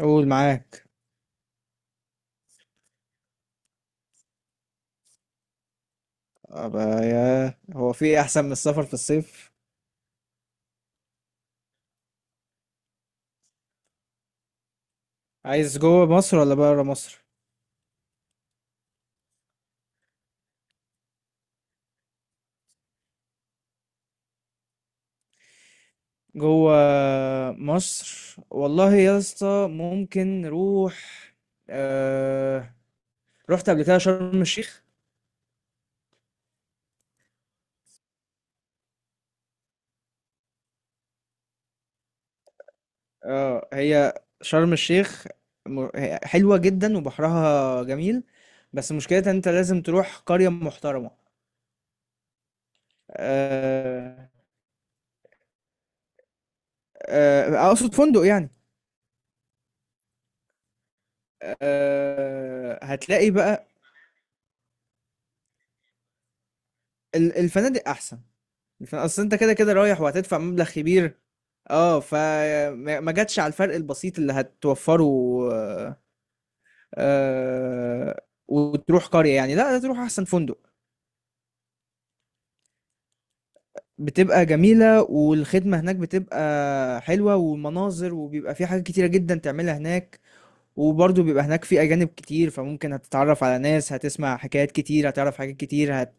قول معاك. أبقى يا هو في إيه احسن من السفر في الصيف؟ عايز جوه مصر ولا بره مصر؟ جوه مصر والله يا اسطى، ممكن نروح. آه... رحت قبل كده شرم الشيخ. اه، هي شرم الشيخ، هي حلوة جدا وبحرها جميل، بس مشكلتها انت لازم تروح قرية محترمة. آه... اقصد فندق يعني. هتلاقي بقى الفنادق احسن. اصل انت كده كده رايح وهتدفع مبلغ كبير، اه فما ما جاتش على الفرق البسيط اللي هتوفره. آه آه، وتروح قرية يعني، لا تروح احسن فندق. بتبقى جميلة والخدمة هناك بتبقى حلوة والمناظر، وبيبقى في حاجات كتيرة جدا تعملها هناك. وبرضه بيبقى هناك في أجانب كتير، فممكن هتتعرف على ناس، هتسمع حكايات كتير، هتعرف حاجات كتير،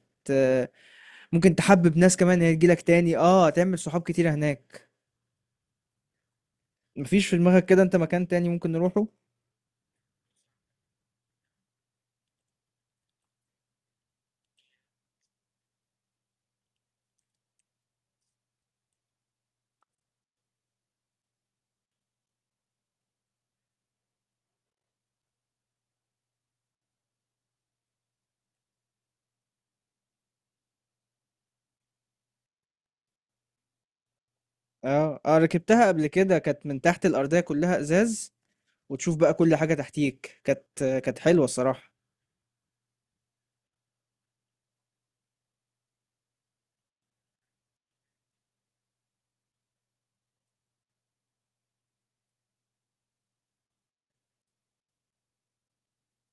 ممكن تحبب ناس كمان هتجيلك تاني، اه، هتعمل صحاب كتيرة هناك. مفيش في دماغك كده انت مكان تاني ممكن نروحه؟ آه، آه، ركبتها قبل كده، كانت من تحت الأرضية كلّها إزاز، وتشوف بقى كل حاجة تحتيك، كانت حلوة الصراحة.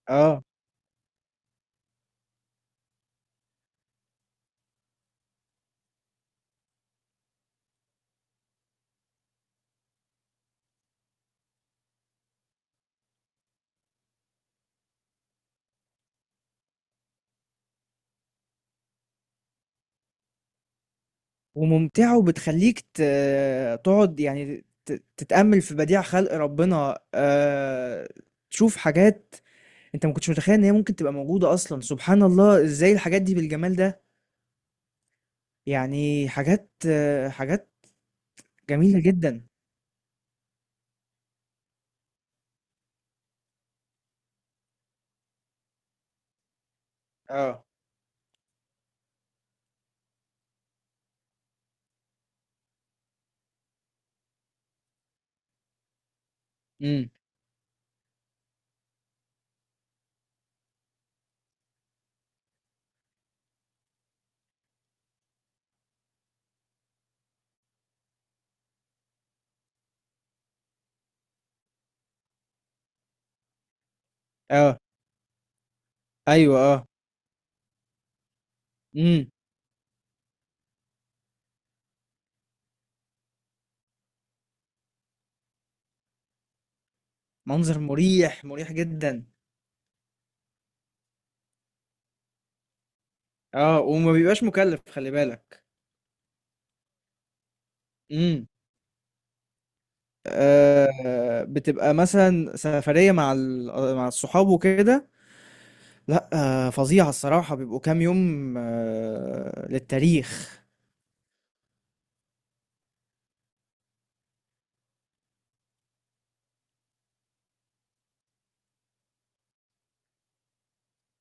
آه، وممتعة وبتخلّيك تقعد يعني تتأمّل في بديع خلق ربنا، تشوف حاجات أنت ما كنتش متخيّل إن هي ممكن تبقى موجودة أصلًا، سبحان الله إزاي الحاجات دي بالجمال ده، يعني حاجات جميلة جدًا. آه. إمم. آه. أيوه. آه. إمم. منظر مُريح، مُريح جدًا. اه، وما بيبقاش مكلف، خلي بالك. امم. آه، بتبقى مثلا سفرية مع مع الصحاب وكده. لا. آه، فظيعة الصراحة، بيبقوا كام يوم، آه، للتاريخ.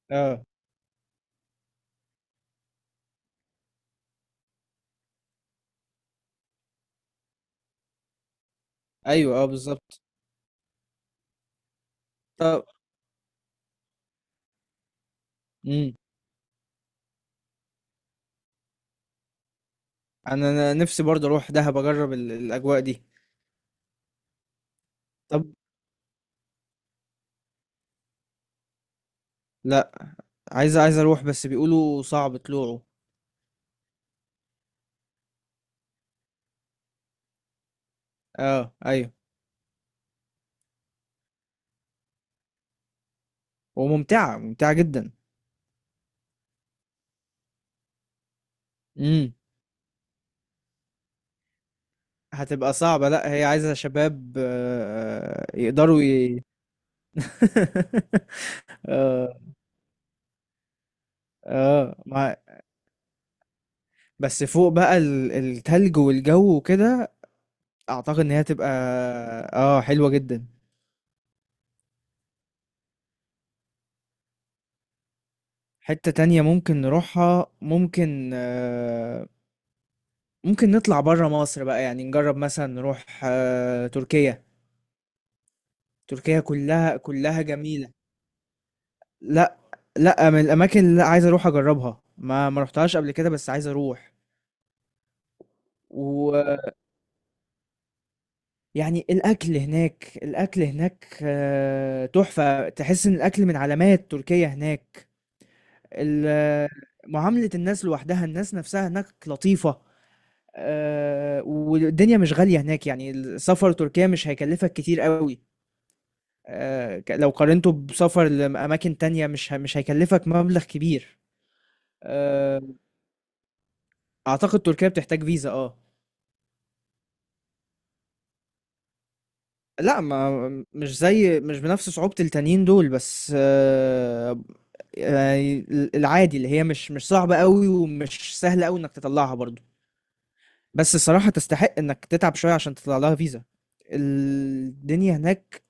اه، ايوه، اه، بالظبط. طب. امم. أنا نفسي برضه اروح دهب اجرب الاجواء دي. طب. لا. عايز اروح بس بيقولوا صعب طلوعه. اه، ايوه. وممتعة ممتعة جدا. امم. هتبقى صعبة. لا، هي عايزة شباب، آه، آه، يقدروا. اه. اه مع... بس فوق بقى التلج والجو وكده، اعتقد ان هي تبقى، اه، حلوة جدا. حتة تانية ممكن نروحها، ممكن آه، ممكن نطلع برا مصر بقى، يعني نجرب مثلا نروح تركيا. تركيا كلها كلها جميلة. لا. لا، من الاماكن اللي عايز اروح اجربها، ما رحتهاش قبل كده بس عايز اروح. و... يعني الأكل هناك، الأكل هناك، تحفة، تحس إن الأكل من علامات تركيا هناك. ال- آه، معاملة الناس لوحدها، الناس نفسها هناك لطيفة. والدنيا مش غالية هناك، يعني السفر تركيا مش هيكلفك كتير قوي. آه، لو قارنته بسفر لأماكن تانية، مش هيكلفك مبلغ كبير. آه، أعتقد تركيا بتحتاج فيزا، اه. لا، ما مش زي، مش بنفس صعوبة التانيين دول، بس آه، العادي اللي هي مش صعبة قوي ومش سهلة قوي انك تطلعها برضو. بس الصراحة تستحق انك تتعب شوية عشان تطلع لها فيزا. الدنيا هناك،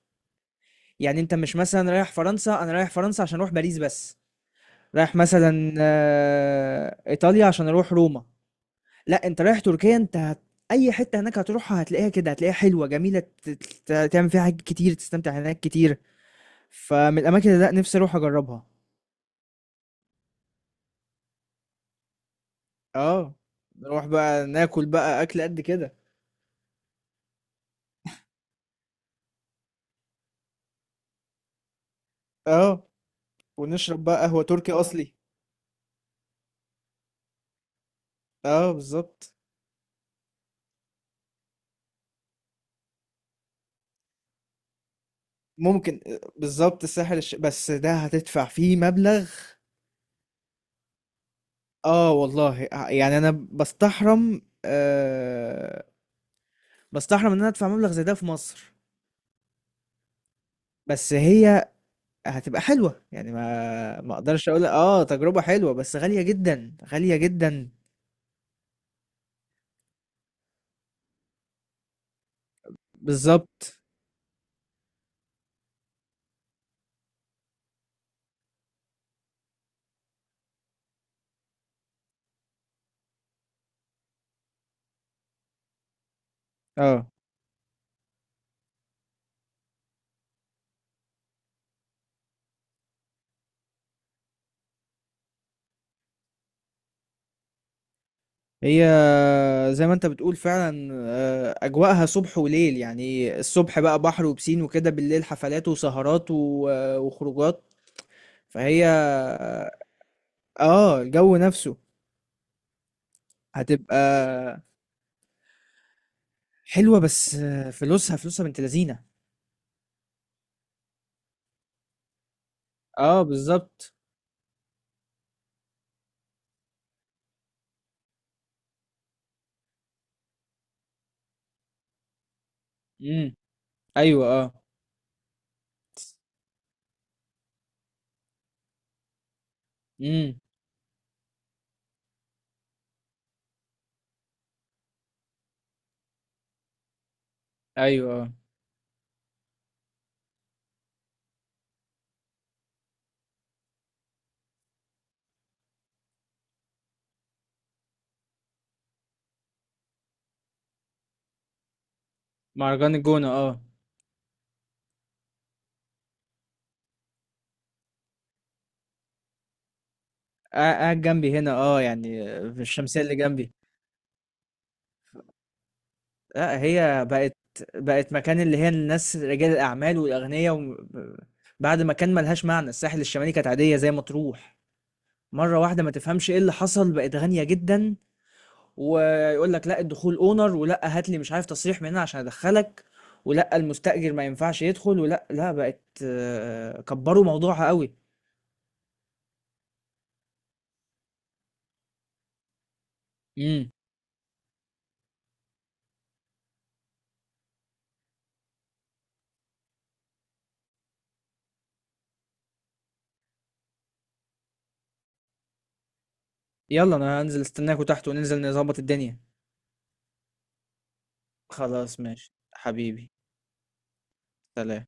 يعني انت مش مثلا رايح فرنسا، انا رايح فرنسا عشان اروح باريس بس. رايح مثلا ايطاليا عشان اروح روما. لا انت رايح تركيا، انت اي حتة هناك هتروحها هتلاقيها كده، هتلاقيها حلوة جميلة، تعمل فيها حاجات كتير، تستمتع هناك كتير. فمن الاماكن اللي لا نفسي اروح اجربها. اه، نروح بقى ناكل بقى اكل قد كده. اه، ونشرب بقى قهوة تركي اصلي. اه، بالظبط. ممكن آه، بالظبط الساحل بس ده هتدفع فيه مبلغ. اه والله، آه، يعني انا بستحرم ان انا ادفع مبلغ زي ده في مصر. بس هي هتبقى حلوة يعني، ما اقدرش اقول، اه، تجربة حلوة بس غالية جدا، غالية جدا. بالظبط، اه. هي زي ما انت بتقول فعلا، آه، اجواءها صبح وليل، يعني الصبح بقى بحر وبسين وكده، بالليل حفلات وسهرات وخروجات. فهي، اه الجو نفسه هتبقى حلوة، بس آه، فلوسها فلوسها بنت لذينة. اه، بالظبط. امم. ايوه، اه. امم. ايوه، اه. مهرجان الجونة، اه. قاعد جنبي هنا، اه، يعني. في الشمسية اللي جنبي. لأ، هي بقت مكان اللي هي الناس، رجال الأعمال والأغنيا، و بعد ما كان ما لهاش معنى، الساحل الشمالي كانت عادية زي مطروح. مرّة واحدة ما تفهمش إيه اللي حصل، بقت غالية جدًا، ويقول لك لأ الدخول honor، ولأ هات لي مش عارف تصريح من هنا عشان أدخّلك، ولأ المستأجر ما ينفعش يدخل، ولأ، لأ، بقت كبّروا موضوعها أوي. إمم. يالّا أنا هانزل أستناكم تحت وننزل نضبّط الدنيا. خلاص ماشي، حبيبي، سلام.